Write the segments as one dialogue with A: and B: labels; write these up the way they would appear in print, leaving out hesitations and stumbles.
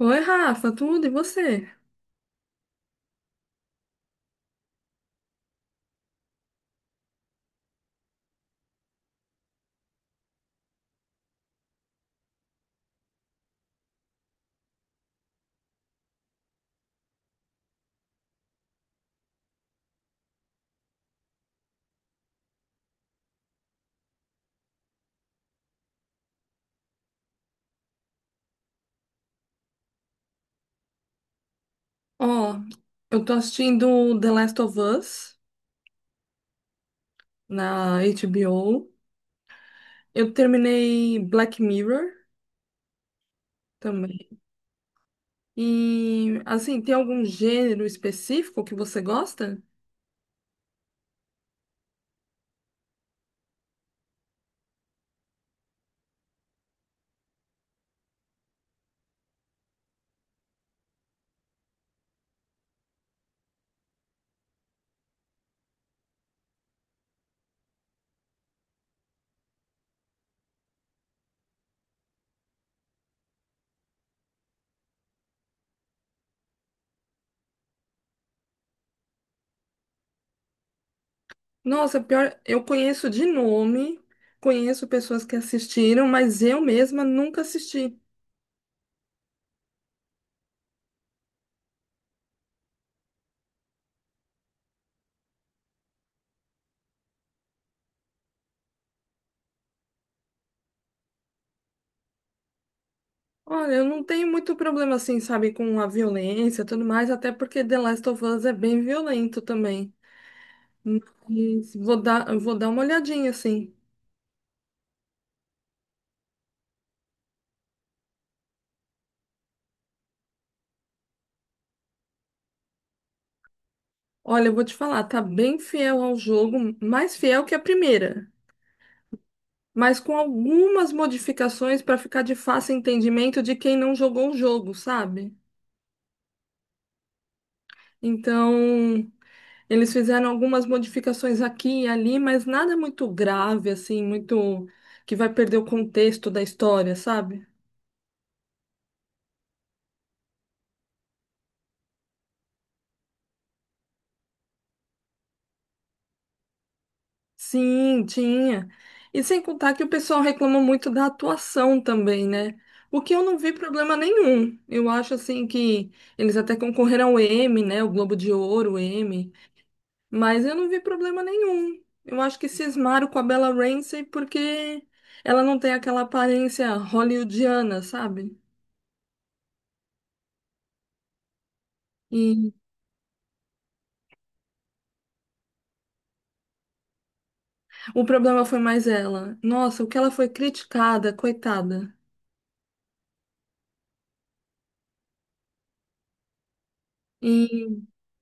A: Oi, Rafa, tudo e você? Ó, eu tô assistindo The Last of Us na HBO. Eu terminei Black Mirror também. E, assim, tem algum gênero específico que você gosta? Nossa, pior, eu conheço de nome, conheço pessoas que assistiram, mas eu mesma nunca assisti. Olha, eu não tenho muito problema, assim, sabe, com a violência e tudo mais, até porque The Last of Us é bem violento também. Mas vou dar uma olhadinha assim. Olha, eu vou te falar, tá bem fiel ao jogo, mais fiel que a primeira, mas com algumas modificações para ficar de fácil entendimento de quem não jogou o jogo, sabe? Então, eles fizeram algumas modificações aqui e ali, mas nada muito grave assim, muito que vai perder o contexto da história, sabe? Sim, tinha. E sem contar que o pessoal reclama muito da atuação também, né? O que eu não vi problema nenhum. Eu acho assim que eles até concorreram ao Emmy, né? O Globo de Ouro, o Emmy. Mas eu não vi problema nenhum. Eu acho que cismaram com a Bella Ramsey porque ela não tem aquela aparência hollywoodiana, sabe? E o problema foi mais ela. Nossa, o que ela foi criticada, coitada. E,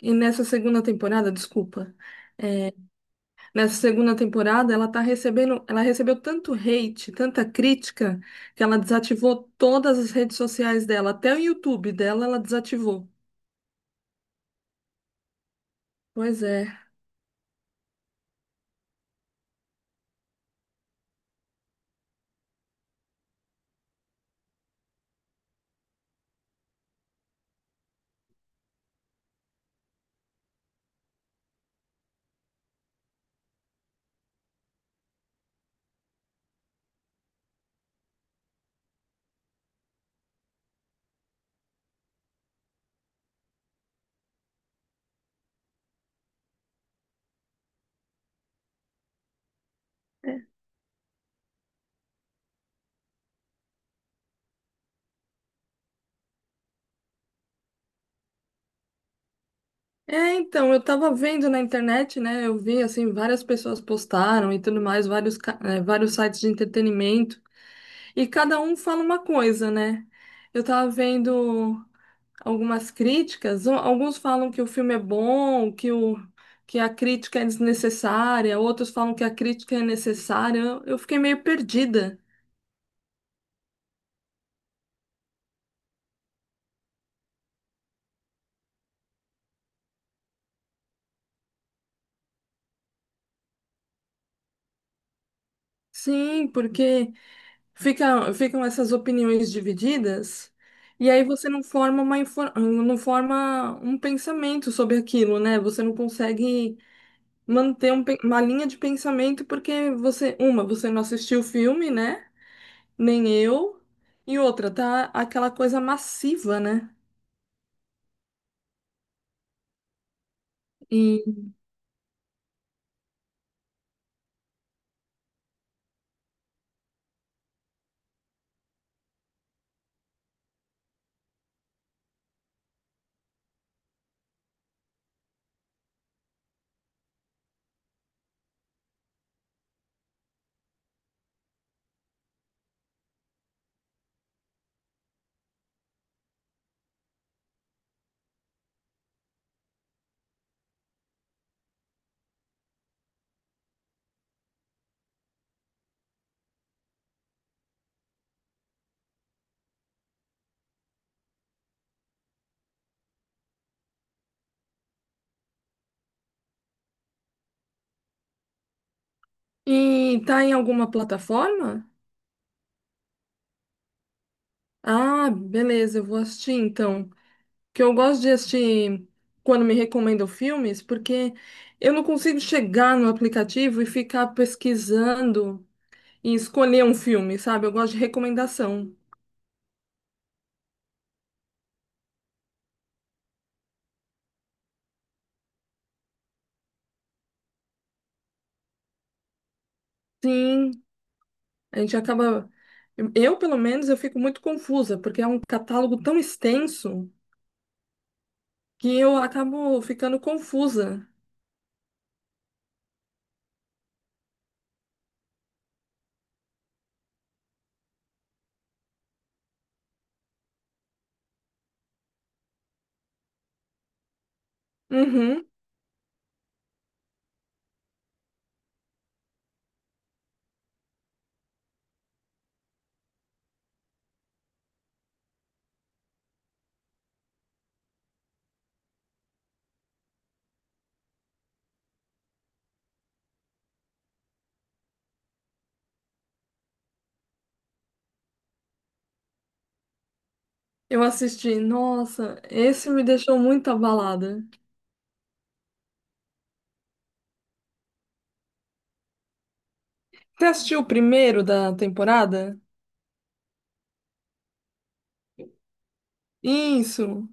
A: e nessa segunda temporada, desculpa. é, Nessa segunda temporada, ela tá recebendo, ela recebeu tanto hate, tanta crítica, que ela desativou todas as redes sociais dela, até o YouTube dela ela desativou. Pois é. É, então, eu tava vendo na internet, né? Eu vi, assim, várias pessoas postaram e tudo mais, vários, vários sites de entretenimento, e cada um fala uma coisa, né? Eu tava vendo algumas críticas. Alguns falam que o filme é bom, que a crítica é desnecessária, outros falam que a crítica é necessária. Eu fiquei meio perdida. Sim, porque ficam essas opiniões divididas. E aí você não forma não forma um pensamento sobre aquilo, né? Você não consegue manter uma linha de pensamento porque você, uma, você não assistiu o filme, né? Nem eu. E outra, tá aquela coisa massiva, né? E, e tá em alguma plataforma? Ah, beleza, eu vou assistir então. Que eu gosto de assistir quando me recomendam filmes, porque eu não consigo chegar no aplicativo e ficar pesquisando e escolher um filme, sabe? Eu gosto de recomendação. Sim, a gente acaba. Eu, pelo menos, eu fico muito confusa, porque é um catálogo tão extenso que eu acabo ficando confusa. Uhum. Eu assisti, nossa, esse me deixou muito abalada. Você assistiu o primeiro da temporada? Isso,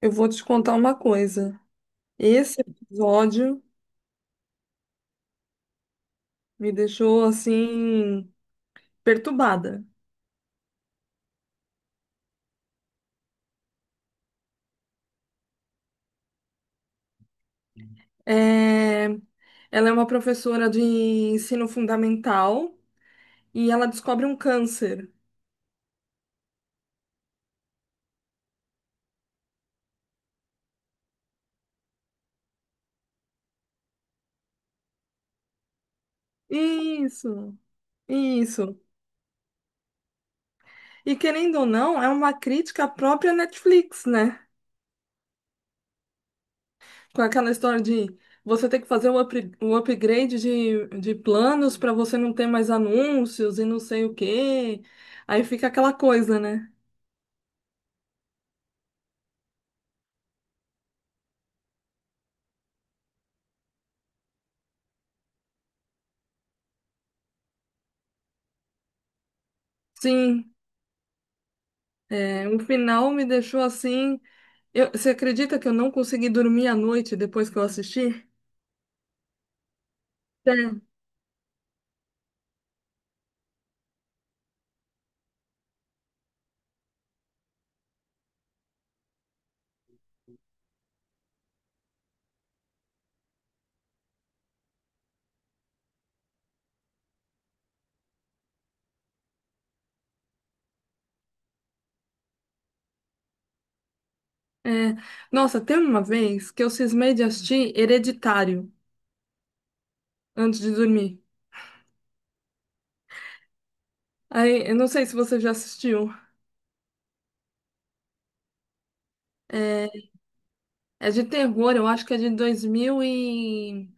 A: eu vou te contar uma coisa. Esse episódio me deixou assim, perturbada. É, ela é uma professora de ensino fundamental e ela descobre um câncer. Isso, isso. E querendo ou não, é uma crítica à própria Netflix, né? Com aquela história de você ter que fazer um upgrade de planos para você não ter mais anúncios e não sei o quê. Aí fica aquela coisa, né? Sim, é, o final me deixou assim. Eu, você acredita que eu não consegui dormir à noite depois que eu assisti? É, é. Nossa, teve uma vez que eu cismei de assistir Hereditário antes de dormir. Aí, eu não sei se você já assistiu. É, é de terror, eu acho que é de 2000 e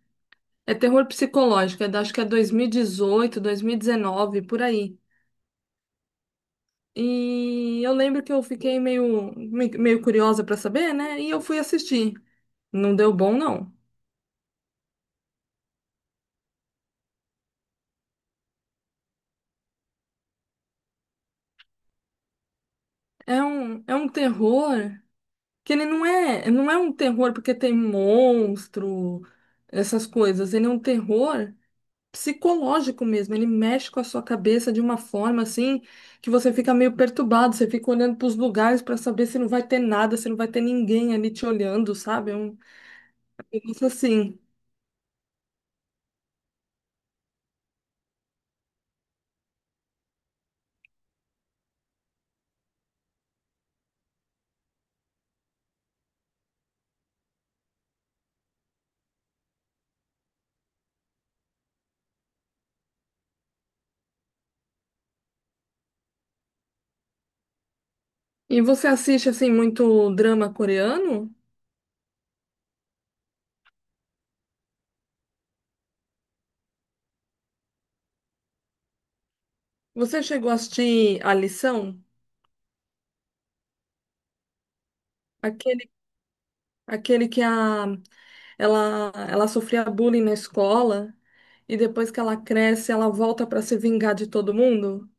A: É terror psicológico, acho que é 2018, 2019, por aí. E eu lembro que eu fiquei meio curiosa pra saber, né? E eu fui assistir. Não deu bom, não. É um terror que ele não é, não é um terror porque tem monstro, essas coisas. Ele é um terror psicológico mesmo. Ele mexe com a sua cabeça de uma forma assim que você fica meio perturbado, você fica olhando para os lugares para saber se não vai ter nada, se não vai ter ninguém ali te olhando, sabe? É um Eu gosto assim. E você assiste assim muito drama coreano? Você chegou a assistir A Lição? Aquele, aquele que a, ela sofria bullying na escola e depois que ela cresce, ela volta para se vingar de todo mundo?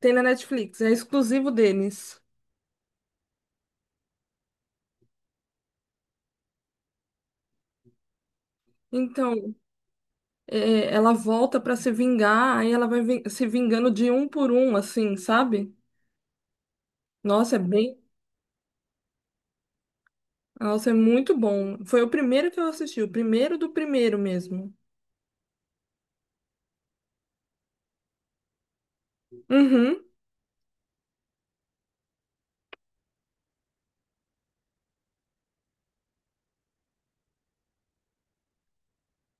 A: Tem na Netflix, é exclusivo deles. Então, é, ela volta para se vingar, aí ela se vingando de um por um, assim, sabe? Nossa, é bem. Nossa, é muito bom. Foi o primeiro que eu assisti, o primeiro do primeiro mesmo. Uhum.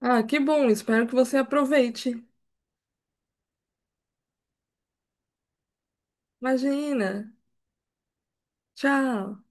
A: Ah, que bom. Espero que você aproveite. Imagina. Tchau.